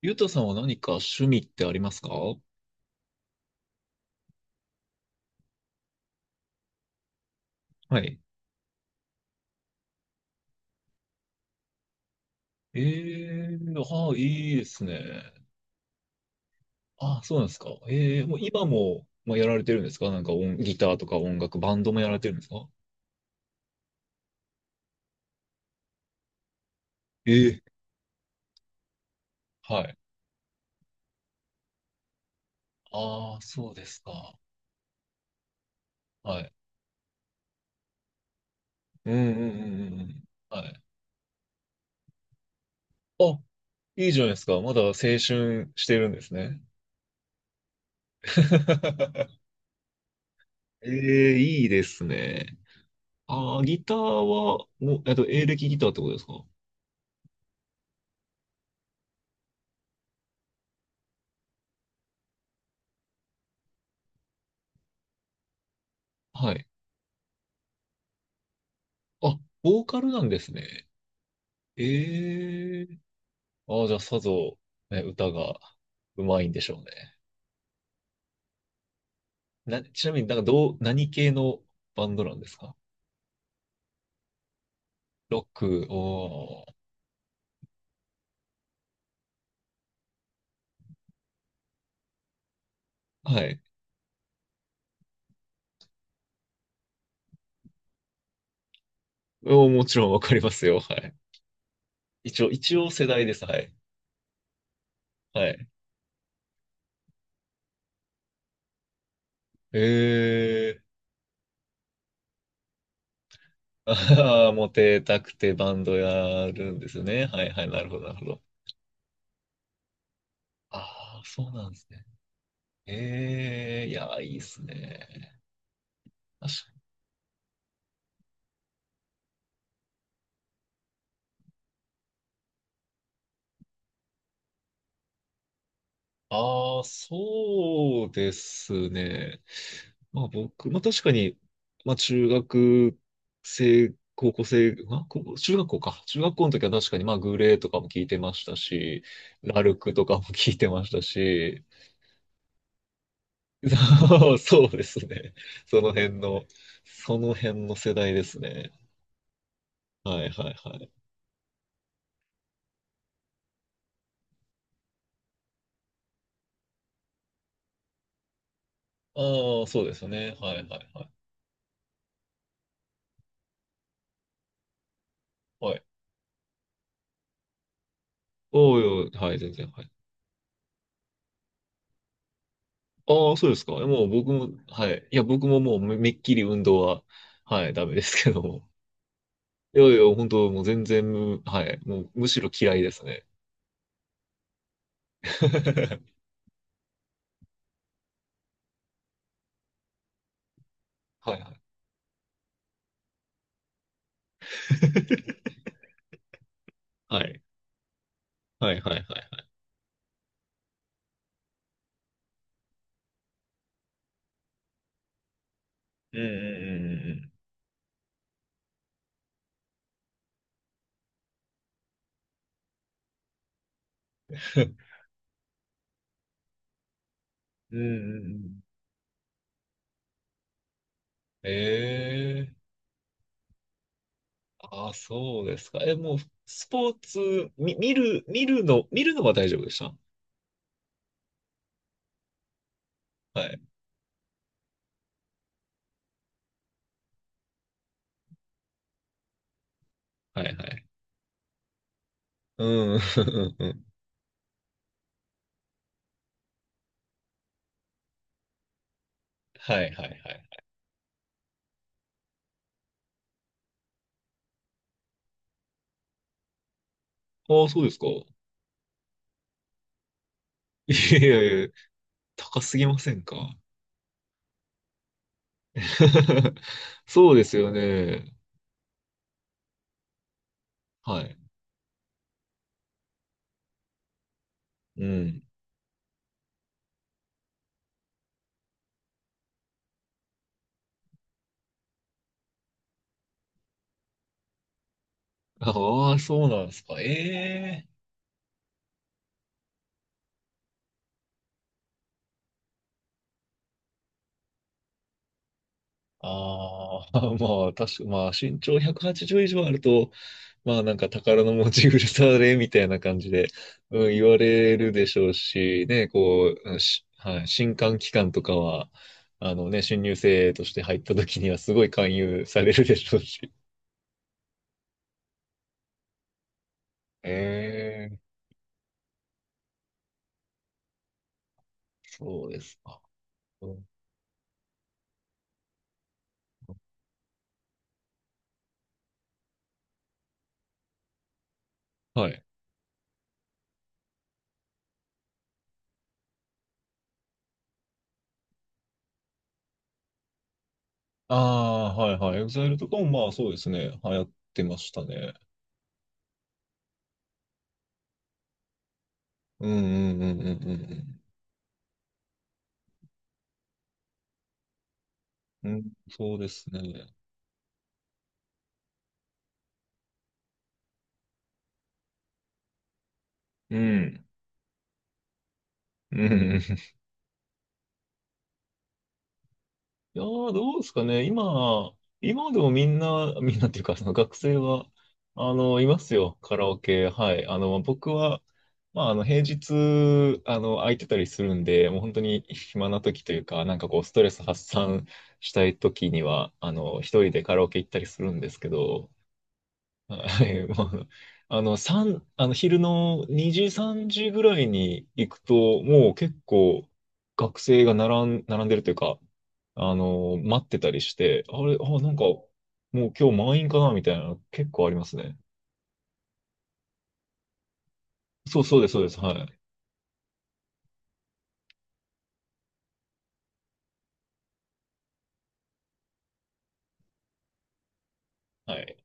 ゆうたさんは何か趣味ってありますか？はい。ええ、ああ、いいですね。ああ、そうなんですか。ええ、もう今も、まあ、やられてるんですか？なんか音、ギターとか音楽、バンドもやられてるんですか？ええ、はい。ああ、そうですか。はい。うんうんうんうんうん。はい。あ、いいじゃないですか。まだ青春してるんですね。ええ、いいですね。ああ、ギターは、もう、エレキギターってことですか？はい。あ、ボーカルなんですね。ええ、ああ、じゃあ、さぞ、ね、歌がうまいんでしょうね。ちなみになんかどう、何系のバンドなんですか？ロック、おー、はい。おー、もちろんわかりますよ。はい。一応世代です。はい。はい。ええ、ああー、モテたくてバンドやるんですね。はいはい、なるほど、なるほど。ああ、そうなんですね。ええ、いや、いいっすね。ああ、そうですね。まあ僕、まあ確かに、まあ中学生、高校生、まあ高校中学校か。中学校の時は確かにまあグレーとかも聞いてましたし、ラルクとかも 聞いてましたし、そうですね。その辺の、その辺の世代ですね。はいはいはい。ああ、そうですよね。はいはいはい。はい。おおい、はい、全然。はい。ああ、そうですか。もう僕も、はい。いや、僕ももうめっきり運動は、はい、ダメですけども。いやいや、本当もう全然、はい。もう、むしろ嫌いですね。はいはい。はい。はいはいはいはい。うんうんうんうん。うんうんうん。ええ、ああ、そうですか。え、もう、スポーツ、み、見る、見るの、見るのは大丈夫でした。はい。はいはい。うん。はいはいはい。ああ、そうですか。いやいやいや。高すぎませんか？ そうですよね。はい。うん。ああ、そうなんですか。ええ、ああー、まあ、確か、まあ、身長180以上あると、まあ、なんか宝の持ち腐れみたいな感じで、うん、言われるでしょうし、ね、こう、うんし、はい、新歓期間とかは、あのね、新入生として入った時にはすごい勧誘されるでしょうし。ええ、そうですか。うん、はい。ああ、はいはい。EXILE とかもまあそうですね。流行ってましたね。うんうんうんうんうん。うん、そうですね。うん。うん。いやー、どうですかね。今、今でもみんな、みんなっていうか、その学生は、いますよ。カラオケ。はい。僕は、まあ、平日、空いてたりするんで、もう本当に暇な時というか、なんかこう、ストレス発散したい時には、一人でカラオケ行ったりするんですけど、はい、まあ、三あの、昼の2時、3時ぐらいに行くと、もう結構学生が並んでるというか、待ってたりして、あれ、あ、なんか、もう今日満員かなみたいな、結構ありますね。そうです、そうです。はい。はい。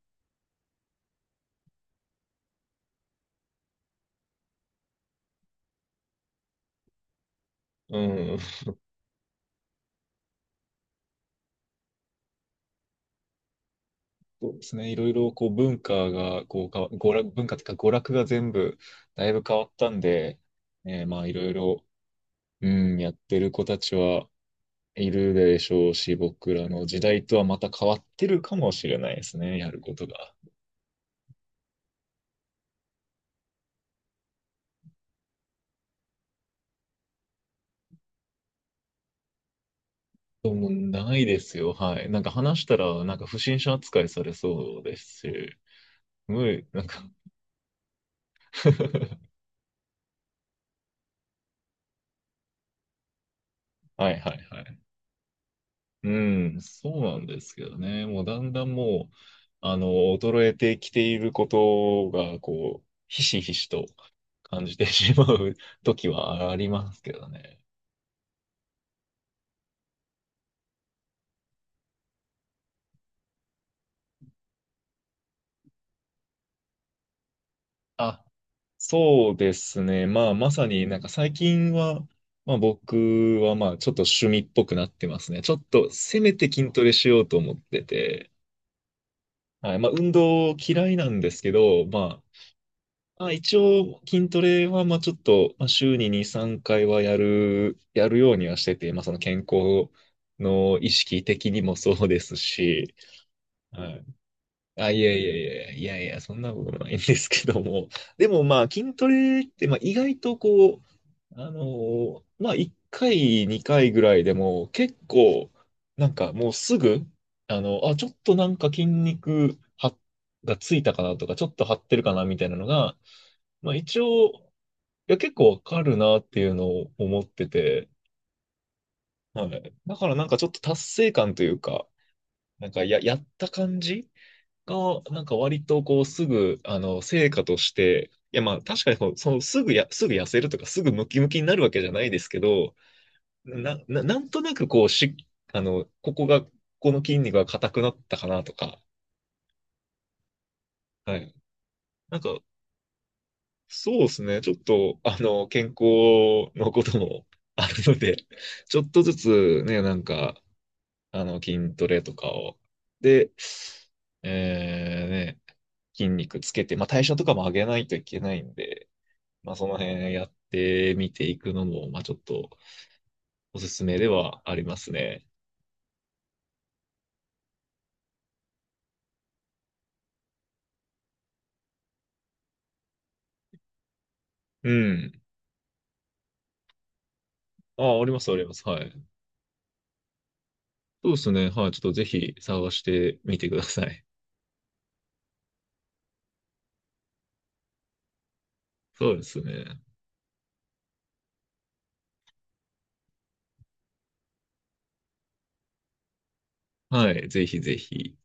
うん。そうですね。いろいろ、こう、文化が、こう、娯楽、文化というか、娯楽が全部、だいぶ変わったんで、まあ、いろいろ、うん、やってる子たちは、いるでしょうし、僕らの時代とはまた変わってるかもしれないですね、やることが。でもないですよ、はい。なんか話したら、なんか不審者扱いされそうですし、無理、なんか はいはいはい。うん、そうなんですけどね、もうだんだんもう、あの、衰えてきていることが、こう、ひしひしと感じてしまう時はありますけどね。あ、そうですね。まあ、まさになんか最近は、まあ僕はまあちょっと趣味っぽくなってますね。ちょっとせめて筋トレしようと思ってて。はい。まあ運動嫌いなんですけど、まあ一応筋トレはまあちょっとまあ週に2、3回はやるようにはしてて、まあその健康の意識的にもそうですし、はい。あ、いやいやいやいやいや、そんなことないんですけども。でもまあ、筋トレって、まあ、意外とこう、まあ、1回、2回ぐらいでも、結構、なんかもうすぐ、あ、ちょっとなんか筋肉がついたかなとか、ちょっと張ってるかなみたいなのが、まあ一応、いや、結構わかるなっていうのを思ってて、はい。だからなんかちょっと達成感というか、なんかやった感じが、なんか割とこうすぐ、成果として、いやまあ確かにこうそのすぐすぐ痩せるとかすぐムキムキになるわけじゃないですけど、なんとなくこうし、ここが、この筋肉が硬くなったかなとか、はい。なんか、そうですね。ちょっと、健康のことも あるので、ちょっとずつね、なんか、筋トレとかを、で、ね、筋肉つけて、まあ、代謝とかも上げないといけないんで、まあ、その辺やってみていくのも、まあ、ちょっとおすすめではありますね。うん。あ、あります、あります。はい。そうですね。はい。ちょっとぜひ探してみてください。そうですね。はい。ぜひぜひ。